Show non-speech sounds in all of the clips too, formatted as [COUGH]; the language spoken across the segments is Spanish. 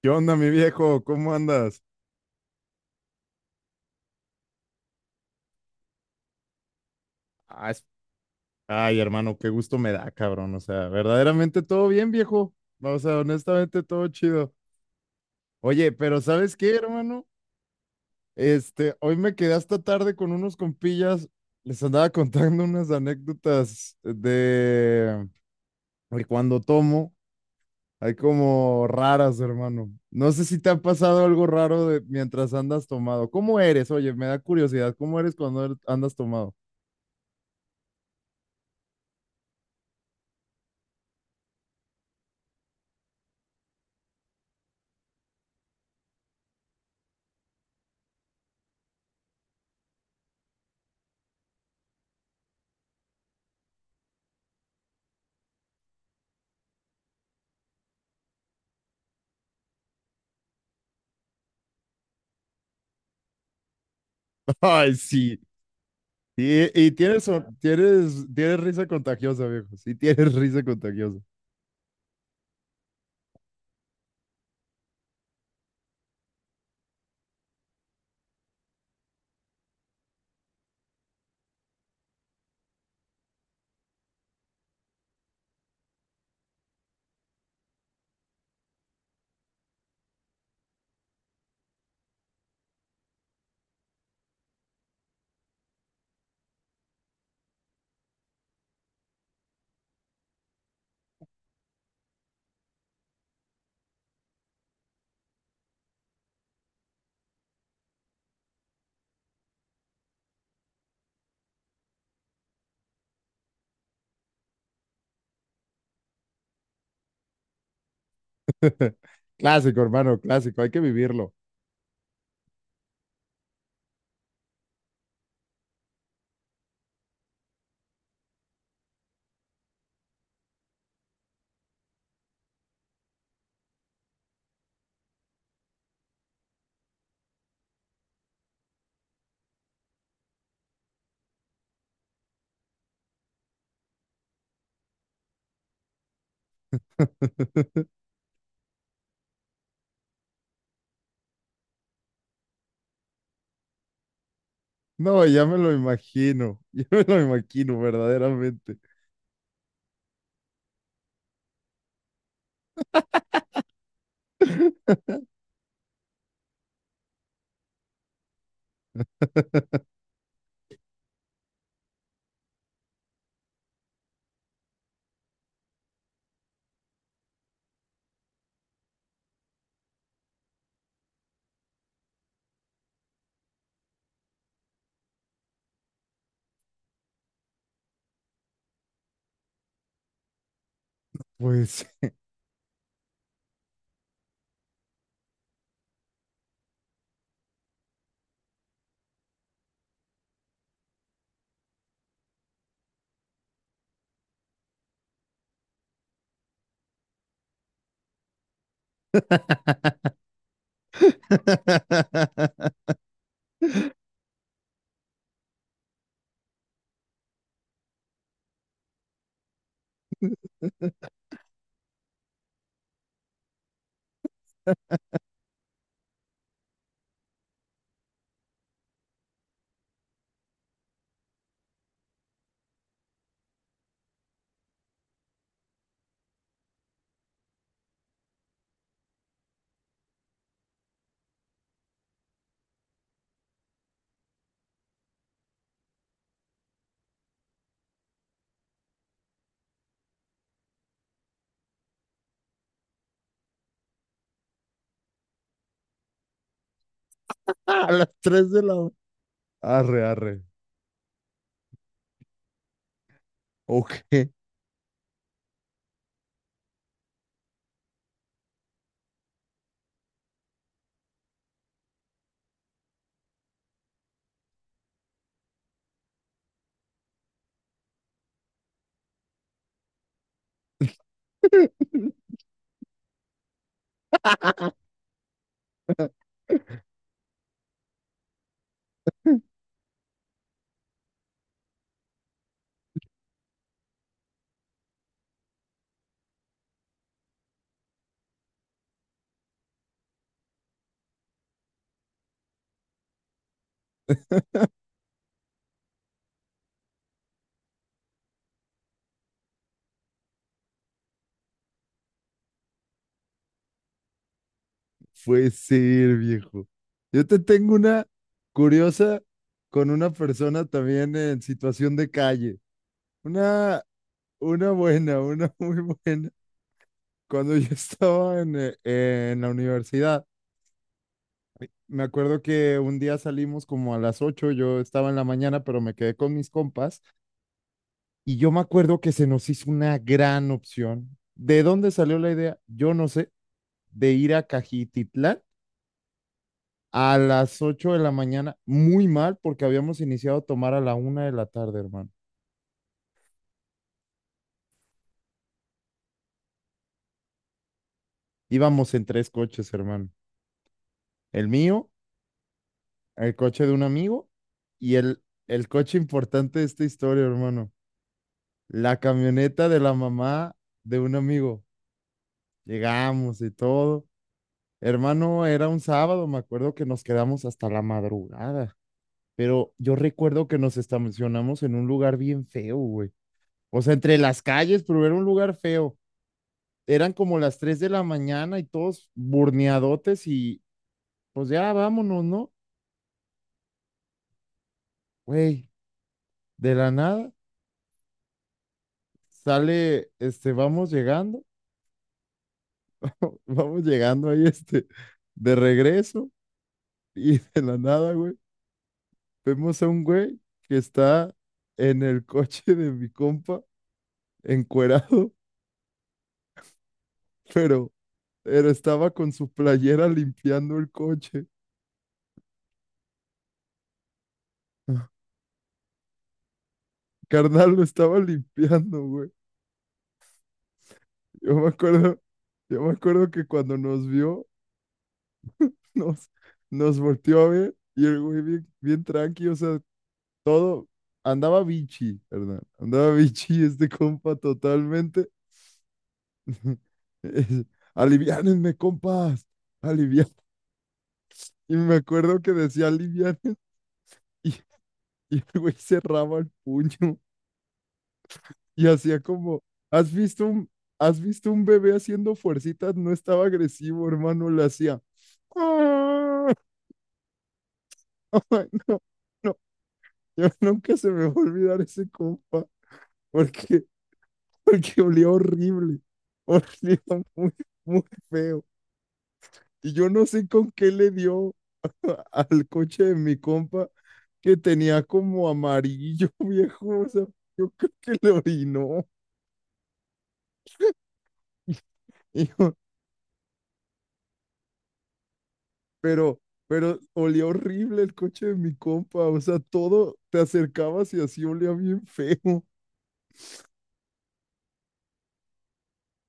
¿Qué onda, mi viejo? ¿Cómo andas? Ah, es- Ay, hermano, qué gusto me da, cabrón. O sea, verdaderamente todo bien, viejo. O sea, honestamente todo chido. Oye, pero ¿sabes qué, hermano? Hoy me quedé hasta tarde con unos compillas. Les andaba [LAUGHS] contando unas anécdotas de cuando tomo. Hay como raras, hermano. No sé si te ha pasado algo raro de mientras andas tomado. ¿Cómo eres? Oye, me da curiosidad. ¿Cómo eres cuando andas tomado? [LAUGHS] Ay, sí. Y tienes risa contagiosa, viejo. Sí, [LAUGHS] tienes risa contagiosa. [LAUGHS] Clásico, hermano, clásico. Hay que vivirlo. [LAUGHS] No, ya me lo imagino. [LAUGHS] Ya me lo imagino, verdaderamente. Pues. [LAUGHS] A las 3 de la. Arre, arre. Ok. [LAUGHS] Puede ser, viejo. Yo te tengo una curiosa con una persona también en situación de calle. Una Una buena, una [LAUGHS] muy buena. Cuando yo estaba en la universidad, me acuerdo que un día salimos como a las 8. Yo estaba en la mañana, pero me quedé con mis compas y yo me acuerdo que se nos hizo una gran opción. ¿De dónde salió la idea? Yo no sé, de ir a Cajititlán a las 8 de la mañana, muy mal porque habíamos iniciado a tomar a la 1 de la tarde, hermano. Íbamos en tres coches, hermano. El mío, el coche de un amigo y el coche importante de esta historia, hermano. La camioneta de la mamá de un amigo. Llegamos y todo. Hermano, era un sábado, me acuerdo que nos quedamos hasta la madrugada, pero yo recuerdo que nos estacionamos en un lugar bien feo, güey. O sea, entre las calles, pero era un lugar feo. Eran como las 3 de la mañana y todos burneadotes y pues ya vámonos, ¿no? Güey, de la nada sale, vamos llegando. [LAUGHS] Vamos llegando ahí, de regreso y [LAUGHS] de la nada, güey, vemos a un güey que está en el coche de mi compa, encuerado, [LAUGHS] pero, pero estaba con su playera limpiando el coche. [LAUGHS] Carnal, lo estaba limpiando, güey. Yo me acuerdo, yo me acuerdo que cuando nos vio, [LAUGHS] nos, nos volteó a ver y el güey bien, bien tranqui, o sea, todo andaba bichi, ¿verdad? Andaba [LAUGHS] bichi este compa totalmente. [LAUGHS] Es, Aliviánenme, compas. Alivian. Y me acuerdo que decía alivian y, y el güey cerraba el puño y hacía como, ¿has visto un, has visto un bebé haciendo fuercitas? No estaba agresivo, hermano, le hacía. "Ah". [LAUGHS] Ay, no, no, yo nunca se me va a olvidar ese compa, porque, porque olía horrible, olía muy, muy feo. Y yo no sé con qué le dio al coche de mi compa que tenía como amarillo, [LAUGHS] viejo. O sea, yo creo que lo orinó. [LAUGHS] Y yo, pero, pero olía horrible el coche de mi compa. O sea, todo te acercabas y así olía bien feo.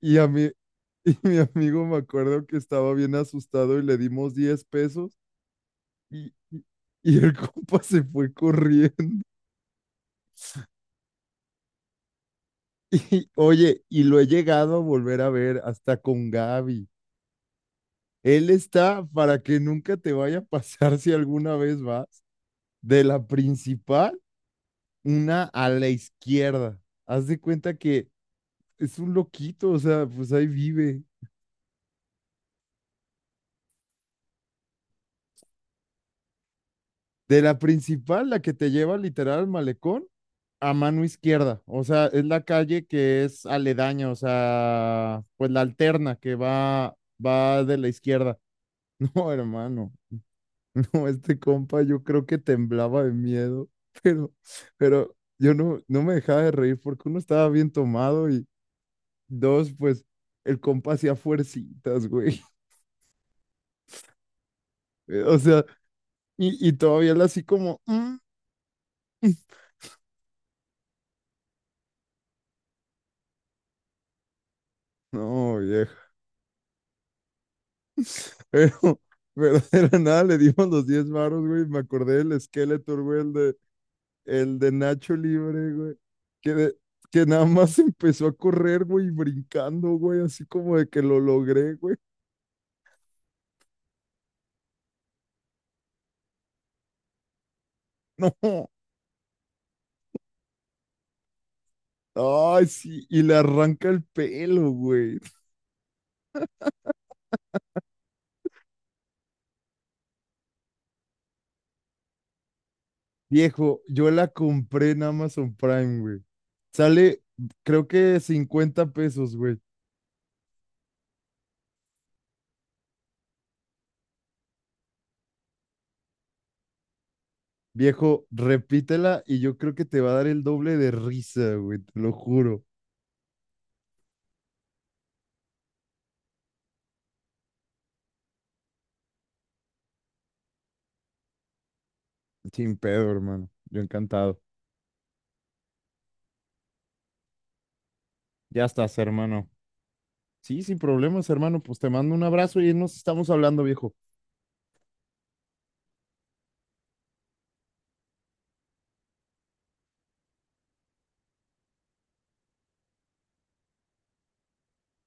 Y a mí, [LAUGHS] y mi amigo me acuerdo que estaba bien asustado y le dimos 10 pesos. Y, y- y el [LAUGHS] compa se fue corriendo. [LAUGHS] Y oye, y lo he llegado a volver a ver hasta con Gaby. Él está para que nunca te vaya a pasar si alguna vez vas. De la principal, una a la izquierda. Haz de cuenta que es un loquito, o sea, pues ahí vive. De la principal, la que te lleva literal al malecón, a mano izquierda. O sea, es la calle que es aledaña, o sea, pues la alterna que va de la izquierda. [LAUGHS] No, hermano, no, este compa yo creo que temblaba de miedo, [LAUGHS] pero, pero yo no me dejaba de reír porque uno estaba bien tomado y, Dos, pues el compa hacía fuercitas, güey. [LAUGHS] O sea, y todavía la así como, "Mm". [LAUGHS] no, vieja. Pero, pero era nada, le dimos los 10 varos, güey. Me acordé del Skeletor, güey, el de Nacho Libre, güey. Que, de- que nada más [LAUGHS] empezó a correr, güey, brincando, güey, así como de que lo logré, güey. [LAUGHS] No, ay, sí, y le arranca el pelo, güey. Viejo, yo la compré en Amazon Prime, güey. Sale, creo que 50 pesos, güey. Viejo, repítela y yo creo que te va a dar el doble de risa, güey, te lo juro. Sin pedo, hermano. Yo encantado. Ya estás, hermano. Sí, sin problemas, hermano. Pues te mando un abrazo y nos estamos hablando, viejo.